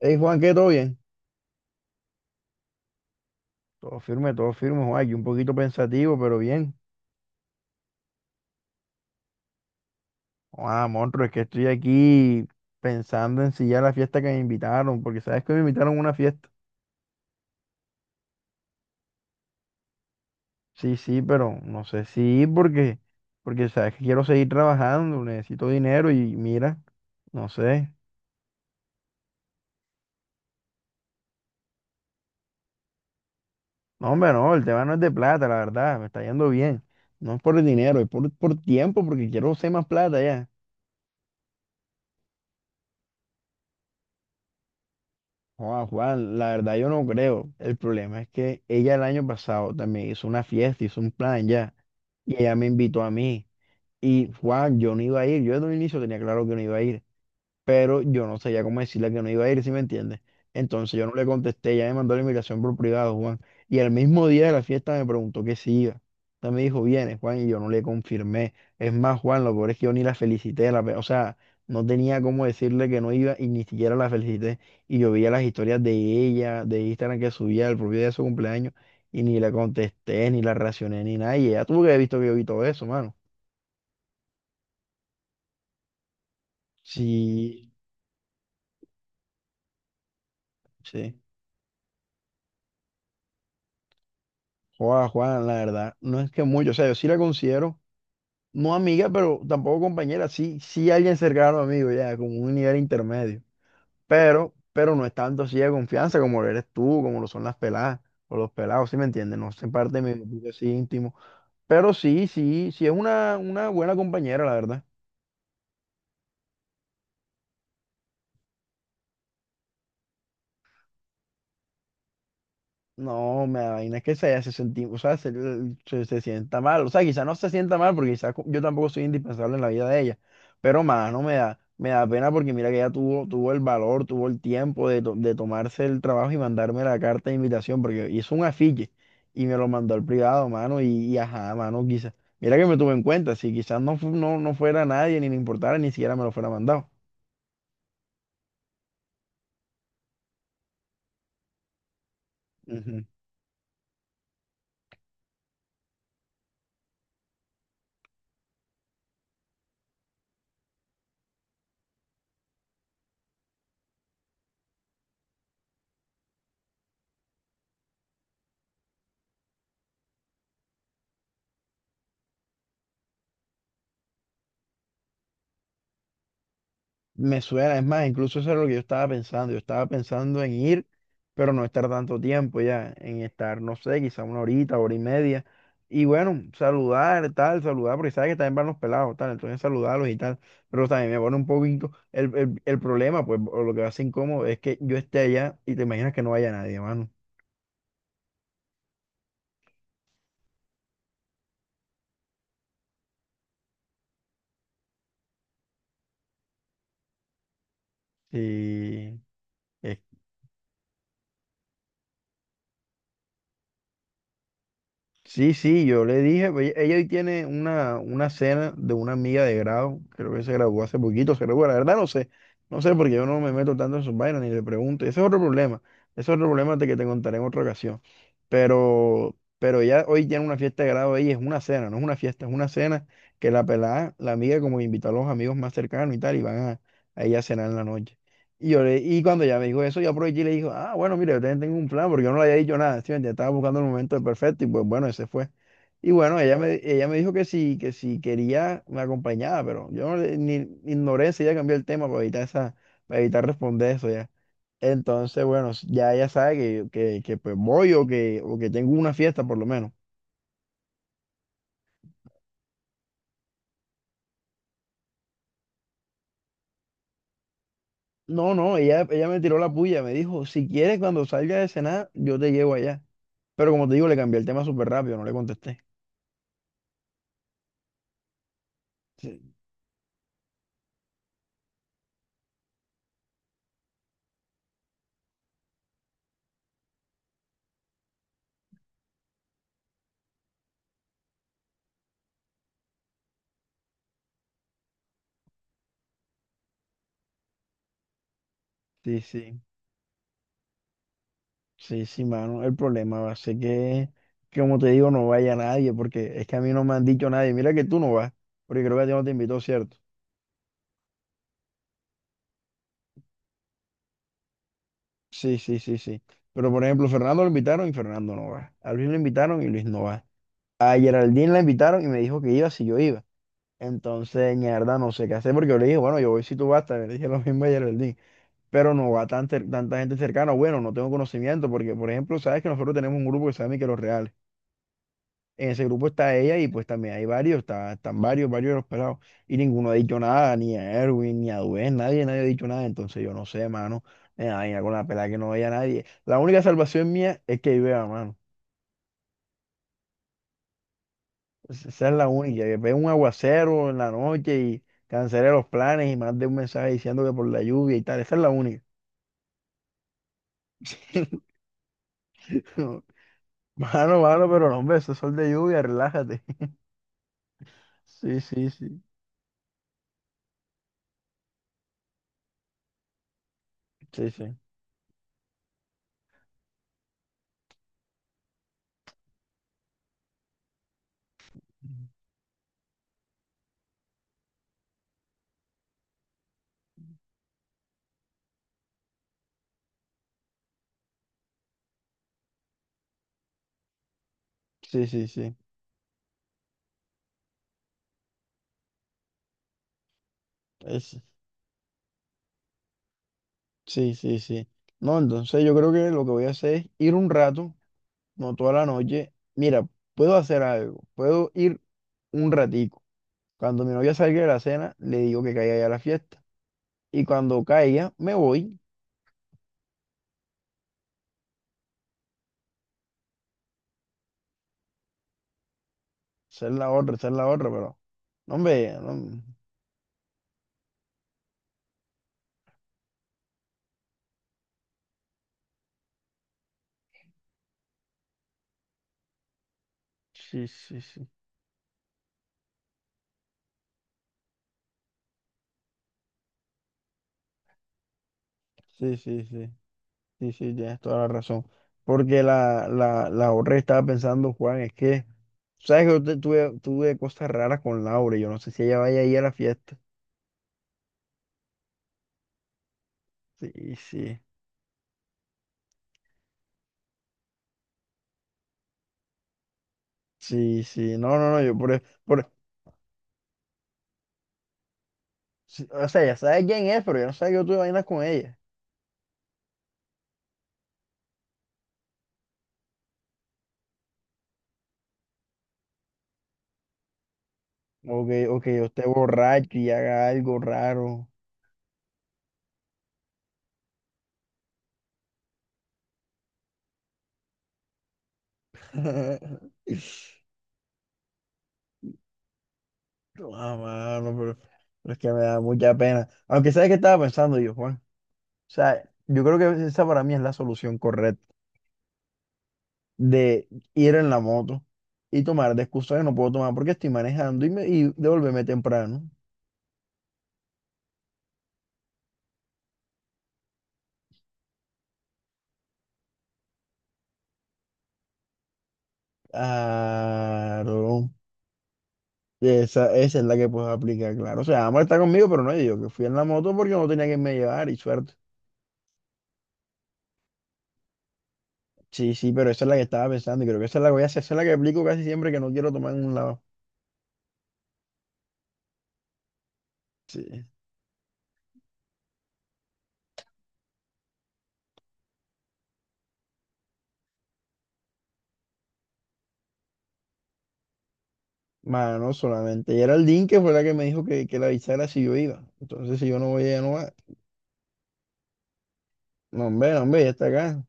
Hey Juan, ¿qué? ¿Todo bien? Todo firme, Juan. Aquí un poquito pensativo, pero bien. Ah, monstruo, es que estoy aquí pensando en si ya la fiesta que me invitaron, porque sabes que me invitaron a una fiesta. Sí, sí, pero no sé si ir porque, porque sabes que quiero seguir trabajando, necesito dinero y mira, no sé. No, hombre, no, el tema no es de plata, la verdad, me está yendo bien. No es por el dinero, es por tiempo, porque quiero hacer más plata ya. Juan, la verdad yo no creo. El problema es que ella el año pasado también hizo una fiesta, hizo un plan ya, y ella me invitó a mí. Y Juan, yo no iba a ir, yo desde un inicio tenía claro que no iba a ir pero yo no sabía cómo decirle que no iba a ir, ¿sí me entiendes? Entonces yo no le contesté, ya me mandó la invitación por privado, Juan. Y al mismo día de la fiesta me preguntó que si iba. Entonces me dijo, vienes, Juan, y yo no le confirmé. Es más, Juan, lo peor es que yo ni la felicité, o sea, no tenía cómo decirle que no iba y ni siquiera la felicité. Y yo veía las historias de ella, de Instagram que subía el propio día de su cumpleaños, y ni la contesté, ni la reaccioné, ni nada. Y ella tuvo que haber visto que yo vi todo eso, mano. Sí, sí. Juan, la verdad, no es que mucho, o sea, yo sí la considero, no amiga, pero tampoco compañera, sí, sí alguien cercano amigo, ya, como un nivel intermedio, pero no es tanto así de confianza como lo eres tú, como lo son las peladas, o los pelados, ¿sí me entiendes? No se parte de mi grupo así íntimo, pero sí, sí, sí es una buena compañera, la verdad. No, me da vaina que se haya se senti- o sea, se- se sienta mal. O sea, quizá no se sienta mal porque quizá yo tampoco soy indispensable en la vida de ella. Pero más, no me da, me da pena porque mira que ella tuvo, tuvo el valor, tuvo el tiempo de tomarse el trabajo y mandarme la carta de invitación porque hizo un afiche y me lo mandó al privado, mano, y ajá, mano, quizá. Mira que me tuve en cuenta, si quizás no, no, no fuera nadie, ni le importara, ni siquiera me lo fuera mandado. Me suena, es más, incluso eso es lo que yo estaba pensando. Yo estaba pensando en ir, pero no estar tanto tiempo ya, en estar, no sé, quizá una horita, hora y media. Y bueno, saludar, tal, saludar, porque sabes que también van los pelados, tal, entonces saludarlos y tal. Pero también me pone un poquito el problema, pues, o lo que va a ser incómodo es que yo esté allá y te imaginas que no vaya nadie, mano. Y es sí, sí, yo le dije, pues, ella hoy tiene una cena de una amiga de grado, creo que se graduó hace poquito, se graduó, la verdad no sé, no sé porque yo no me meto tanto en sus vainas ni le pregunto, ese es otro problema, ese es otro problema de que te contaré en otra ocasión pero ya hoy tiene una fiesta de grado ella, es una cena, no es una fiesta, es una cena que la pelada, la amiga, como invitó a los amigos más cercanos y tal, y van a ella a cenar en la noche. Y, y cuando ella me dijo eso, yo aproveché y le dijo, ah, bueno, mire, yo también tengo un plan, porque yo no le había dicho nada, ¿sí me entiendes? Estaba buscando el momento perfecto y pues bueno, ese fue. Y bueno, ella me dijo que si quería, me acompañaba, pero yo no le- ni, ignoré, enseguida cambié el tema para evitar esa, para evitar responder eso ya. Entonces, bueno, ya ella sabe que, pues voy o que tengo una fiesta por lo menos. No, no, ella me tiró la puya, me dijo, si quieres cuando salga de cenar, yo te llevo allá. Pero como te digo, le cambié el tema súper rápido, no le contesté. Sí, sí, sí, sí, sí, mano, el problema va a ser que, como te digo, no vaya nadie, porque es que a mí no me han dicho nadie, mira que tú no vas, porque creo que a ti no te invitó, ¿cierto? Sí, sí, sí, sí. Pero por ejemplo, Fernando lo invitaron y Fernando no va. A Luis lo invitaron y Luis no va. A Geraldine la invitaron y me dijo que iba si yo iba. Entonces, mierda, no sé qué hacer porque yo le dije, bueno, yo voy si tú vas, también le dije lo mismo a Geraldine, pero no va tanta gente cercana, bueno, no tengo conocimiento porque, por ejemplo, sabes que nosotros tenemos un grupo que se llama los Reales. En ese grupo está ella y pues también hay varios, están varios, varios de los pelados y ninguno ha dicho nada, ni a Erwin, ni a Duen, nadie, nadie ha dicho nada, entonces yo no sé, mano, me da vaina con la pelada que no vea a nadie. La única salvación mía es que yo vea, mano. Pues, esa es la única, que pegue un aguacero en la noche y cancele los planes y mande un mensaje diciendo que por la lluvia y tal. Esa es la única. No. Mano, mano, pero no, hombre, eso es sol de lluvia, relájate. Sí, sí, sí. Sí, sí. Sí, sí, sí. Es- sí, sí, sí. No, entonces yo creo que lo que voy a hacer es ir un rato, no toda la noche. Mira, puedo hacer algo. Puedo ir un ratico. Cuando mi novia salga de la cena, le digo que caiga ya a la fiesta. Y cuando caiga, me voy. Esa es la otra, esa es la otra, pero. No, hombre, no, sí, sí, sí. Sí, sí, sí. Sí, sí, tienes toda la razón. Porque la otra que estaba pensando, Juan, es que, ¿sabes que tuve, tuve cosas raras con Laura? Y yo no sé si ella vaya a ir a la fiesta. Sí, sí. Sí, sí. No, no, no, yo por sí, o sea, ya sabes quién es, pero yo no sé que yo tuve vainas con ella. O que yo esté borracho y haga algo raro. Ah, mano, pero es que me da mucha pena. Aunque sabes que estaba pensando yo, Juan. O sea, yo creo que esa para mí es la solución correcta de ir en la moto y tomar de excusa que no puedo tomar porque estoy manejando y, me, y devolverme temprano. Claro. Esa es la que puedo aplicar, claro. O sea, Amor está conmigo, pero no yo, que fui en la moto porque no tenía que me llevar y suerte. Sí, sí, pero esa es la que estaba pensando y creo que esa es la que voy a hacer. Esa es la que aplico casi siempre que no quiero tomar en un lado. Sí. Mano, solamente Geraldine, que fue la que me dijo que la avisara si yo iba. Entonces, si yo no voy, ella no va. No, hombre, no, hombre, ya está acá.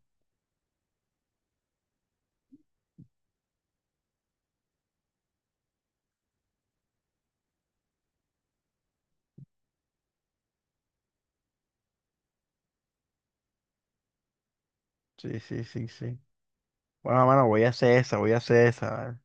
Sí, sí, sí, sí. Bueno, mano, voy a hacer esa, voy a hacer esa. ¿Vale?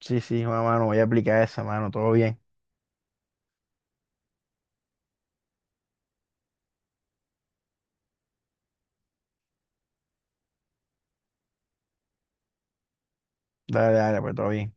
Sí, sí, bueno, mano, voy a aplicar esa, mano, todo bien. Dale, dale, pues todo bien.